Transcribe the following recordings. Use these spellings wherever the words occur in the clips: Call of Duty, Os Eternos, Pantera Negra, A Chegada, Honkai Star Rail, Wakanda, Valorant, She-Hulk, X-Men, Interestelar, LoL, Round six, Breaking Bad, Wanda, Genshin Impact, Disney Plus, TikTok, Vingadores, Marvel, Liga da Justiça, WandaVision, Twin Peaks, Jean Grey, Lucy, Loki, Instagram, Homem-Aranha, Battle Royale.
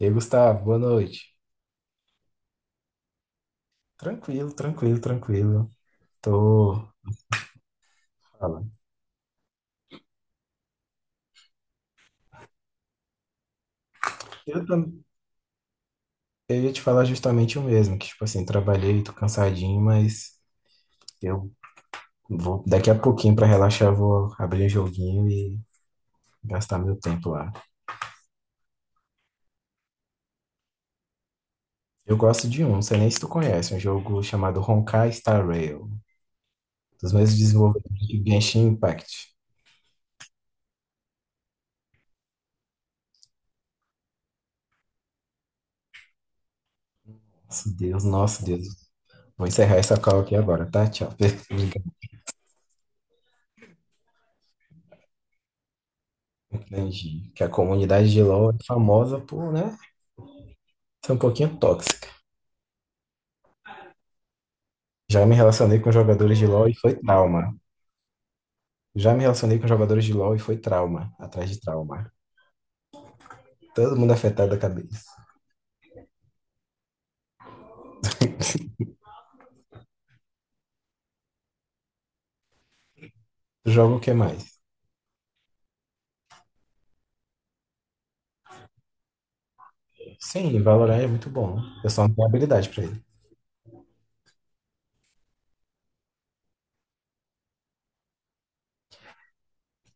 E aí, Gustavo, boa noite. Tranquilo, tranquilo, tranquilo. Tô falando. Eu, tam- eu ia te falar justamente o mesmo, que tipo assim, trabalhei, tô cansadinho, mas eu vou daqui a pouquinho pra relaxar, eu vou abrir um joguinho e gastar meu tempo lá. Eu gosto de um, não sei nem se tu conhece, um jogo chamado Honkai Star Rail, dos mesmos desenvolvedores de Genshin Impact. Nosso Deus, nosso Deus. Vou encerrar essa call aqui agora, tá? Tchau. Obrigado. Entendi. Que é a comunidade de LoL é famosa por, né? Foi um pouquinho tóxica. Já me relacionei com jogadores de LoL e foi trauma. Já me relacionei com jogadores de LoL e foi trauma, atrás de trauma. Todo mundo afetado da cabeça. Jogo o que mais? Sim, Valorant é muito bom. Eu só não tenho habilidade pra ele.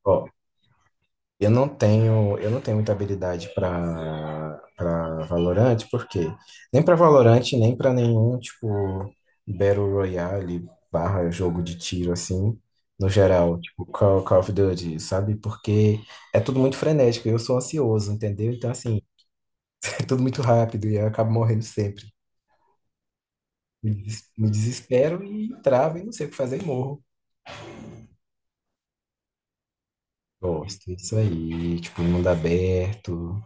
Ó, eu não tenho muita habilidade para Valorant, porque nem para Valorant, nem para nenhum tipo Battle Royale barra jogo de tiro assim, no geral, tipo Call of Duty, sabe? Porque é tudo muito frenético, eu sou ansioso, entendeu? Então assim, é tudo muito rápido e eu acabo morrendo sempre. Me desespero e travo e não sei o que fazer e morro. Gosto é isso aí, tipo, mundo aberto.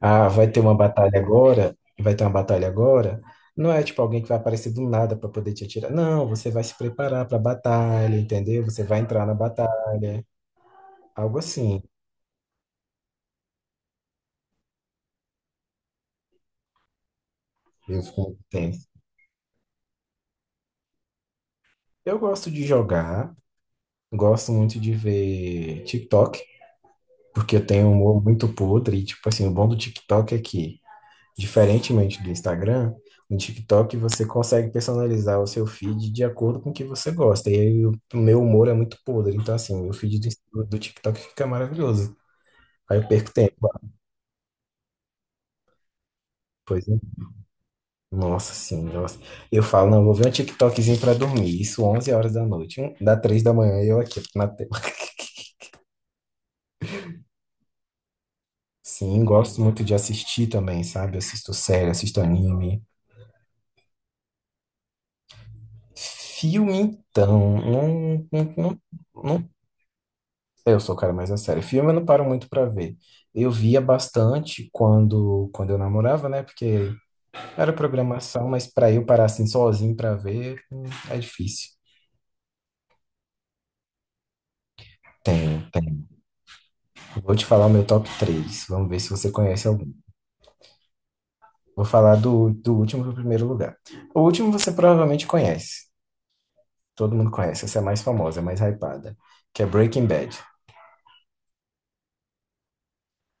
Ah, vai ter uma batalha agora, vai ter uma batalha agora. Não é tipo alguém que vai aparecer do nada para poder te atirar. Não, você vai se preparar para a batalha, entendeu? Você vai entrar na batalha, algo assim. Eu fico tenso. Eu gosto de jogar, gosto muito de ver TikTok, porque eu tenho um humor muito podre. E, tipo assim, o bom do TikTok é que, diferentemente do Instagram, no TikTok você consegue personalizar o seu feed de acordo com o que você gosta. E aí o meu humor é muito podre. Então, assim, o feed do TikTok fica maravilhoso. Aí eu perco tempo. Ah, pois é. Nossa, sim, nossa. Eu falo, não, vou ver um TikTokzinho pra dormir. Isso 11 horas da noite. Dá 3 da manhã e eu aqui na tela. Sim, gosto muito de assistir também, sabe? Assisto série, assisto anime. Filme, então. Não, não, não, não. Eu sou o cara mais a sério. Filme eu não paro muito pra ver. Eu via bastante quando eu namorava, né? Porque era programação, mas pra eu parar assim sozinho pra ver, é difícil. Tem, tem. Vou te falar o meu top 3. Vamos ver se você conhece algum. Vou falar do último pro primeiro lugar. O último você provavelmente conhece. Todo mundo conhece. Essa é a mais famosa, a mais hypada. Que é Breaking Bad.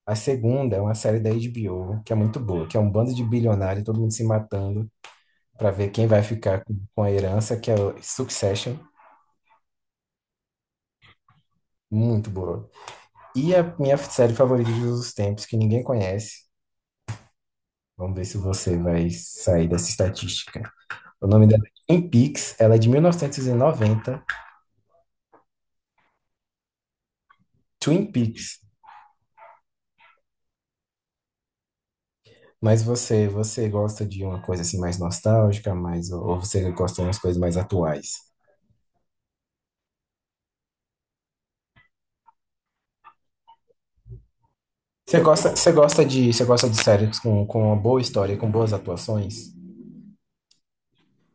A segunda é uma série da HBO, que é muito boa, que é um bando de bilionário, todo mundo se matando para ver quem vai ficar com a herança, que é o Succession, muito boa. E a minha série favorita de todos os tempos, que ninguém conhece. Vamos ver se você vai sair dessa estatística. O nome dela é Twin Peaks, ela é de 1990. Twin Peaks. Mas você, gosta de uma coisa assim mais nostálgica, mais, ou você gosta de umas coisas mais atuais? Você gosta de séries com uma boa história, com boas atuações?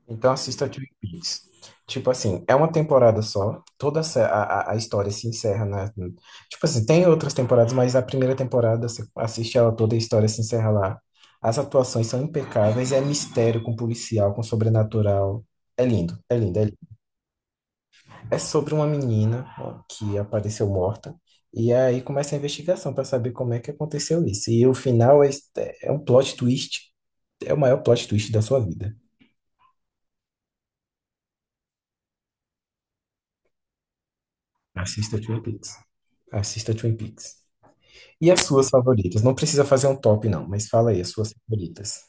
Então assista Twin Peaks. Tipo assim, é uma temporada só, toda a história se encerra na. Tipo assim, tem outras temporadas, mas a primeira temporada, você assiste ela toda, a história se encerra lá. As atuações são impecáveis, é mistério com policial, com sobrenatural. É lindo, é lindo, é lindo. É sobre uma menina, ó, que apareceu morta, e aí começa a investigação para saber como é que aconteceu isso. E o final é um plot twist, é o maior plot twist da sua vida. Assista Twin Peaks. Assista Twin Peaks. E as suas favoritas? Não precisa fazer um top, não, mas fala aí as suas favoritas.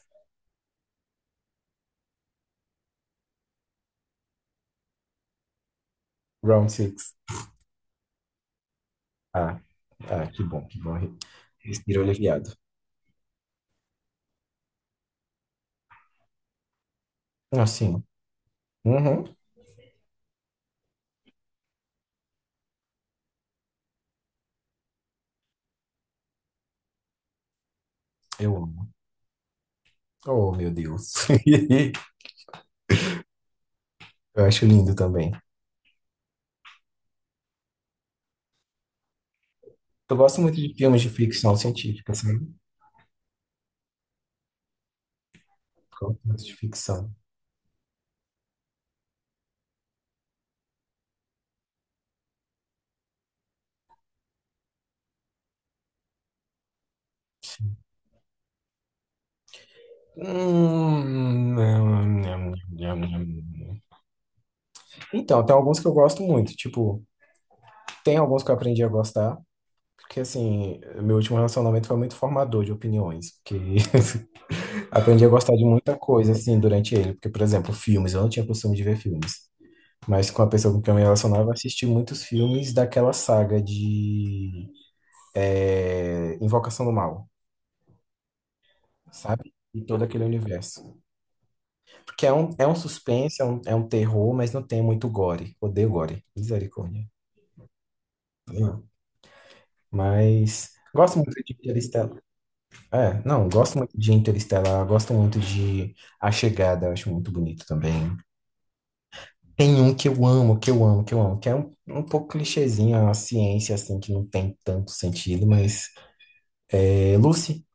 Round six. Ah, ah, que bom, que bom. Respiro aliviado. Assim, uhum, eu amo. Oh, meu Deus. Eu acho lindo também. Eu gosto muito de filmes de ficção científica, sabe? Gosto muito de ficção. Nham, nham, nham, nham, nham. Então, tem alguns que eu gosto muito. Tipo, tem alguns que eu aprendi a gostar. Porque, assim, meu último relacionamento foi muito formador de opiniões. Porque aprendi a gostar de muita coisa, assim, durante ele. Porque, por exemplo, filmes, eu não tinha costume de ver filmes. Mas com a pessoa com quem eu me relacionava, eu assisti muitos filmes daquela saga de Invocação do Mal, sabe? E todo aquele universo. Porque é um suspense, é um terror, mas não tem muito gore. Odeio gore. Misericórdia. Não. Mas gosto muito de Interestelar. É, não, gosto muito de Interestelar, gosto muito de A Chegada, eu acho muito bonito também. Tem um que eu amo, que eu amo, que eu amo, que é um pouco clichêzinho, a ciência, assim, que não tem tanto sentido, mas é Lucy,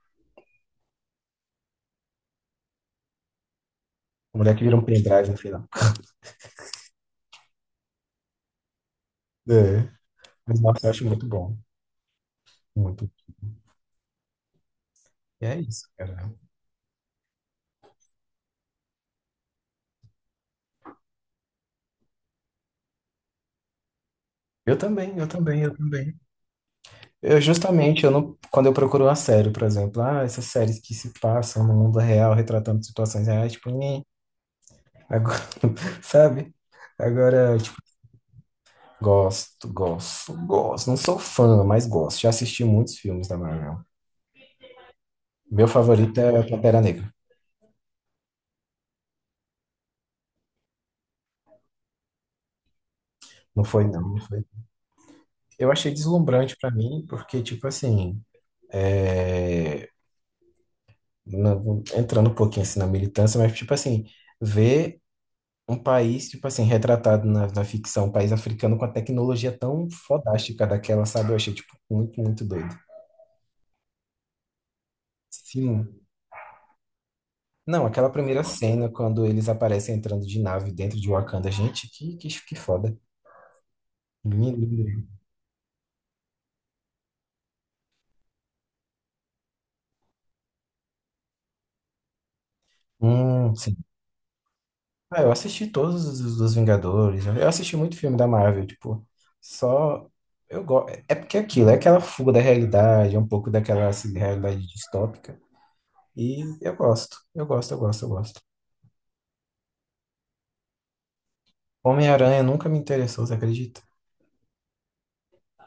a mulher que vira um pendrive no final. É, mas nossa, eu acho muito bom, muito. E é isso, cara. Eu também, eu também, eu também. Eu justamente, eu não, quando eu procuro uma série, por exemplo, ah, essas séries que se passam no mundo real, retratando situações reais, tipo, nhe, agora, sabe? Agora, tipo, gosto, gosto, gosto. Não sou fã, mas gosto. Já assisti muitos filmes da Marvel. Meu favorito é Pantera Negra. Não foi, não, não foi. Eu achei deslumbrante pra mim, porque, tipo assim, é, entrando um pouquinho assim na militância, mas, tipo assim, ver um país, tipo assim, retratado na ficção, um país africano com a tecnologia tão fodástica daquela, sabe? Eu achei, tipo, muito, muito doido. Sim. Não, aquela primeira cena, quando eles aparecem entrando de nave dentro de Wakanda, gente, que foda. Lindo, lindo. Hum, Ah, eu assisti todos os dos Vingadores. Eu assisti muito filme da Marvel, tipo, só eu gosto. É porque é aquilo, é aquela fuga da realidade, é um pouco daquela assim, realidade distópica. E eu gosto, eu gosto, eu gosto, eu gosto. Homem-Aranha nunca me interessou, você acredita?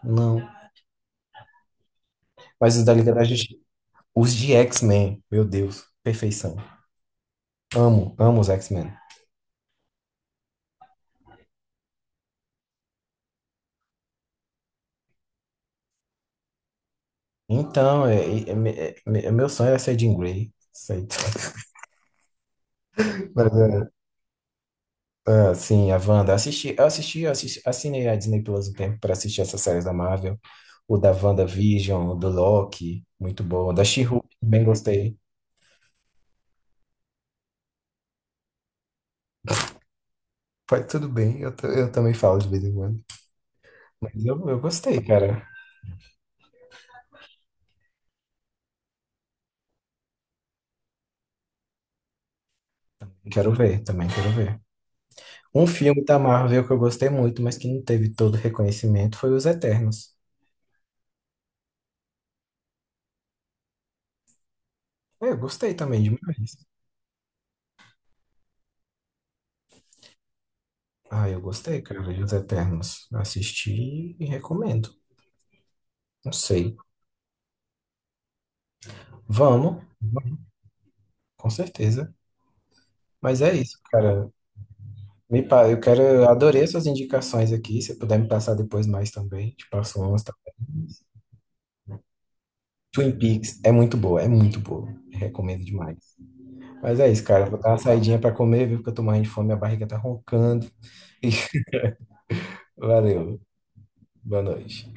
Não. Mas os da Liga da Justiça, os de X-Men, meu Deus, perfeição. Amo, amo os X-Men. Então, meu sonho era ser Jean Grey. Isso aí. Ah, sim, a Wanda. Assinei a Disney Plus um tempo para assistir essas séries da Marvel. O da WandaVision, o do Loki, muito bom. O da She-Hulk, também gostei. Foi tudo bem, eu também falo de vez em quando. Mas eu gostei, cara. Quero ver, também quero ver. Um filme da Marvel que eu gostei muito, mas que não teve todo o reconhecimento, foi Os Eternos. É, eu gostei também demais. Ah, eu gostei, cara, de Os Eternos. Assisti e recomendo. Não sei. Vamos, com certeza. Mas é isso, cara. Me, pa- eu quero, eu adorei essas indicações aqui. Se puder me passar depois mais também, te passo umas também. Twin Peaks é muito boa, é muito boa. Recomendo demais. Mas é isso, cara. Vou dar uma saidinha pra comer, viu? Porque eu tô morrendo de fome, minha barriga tá roncando. Valeu. Boa noite.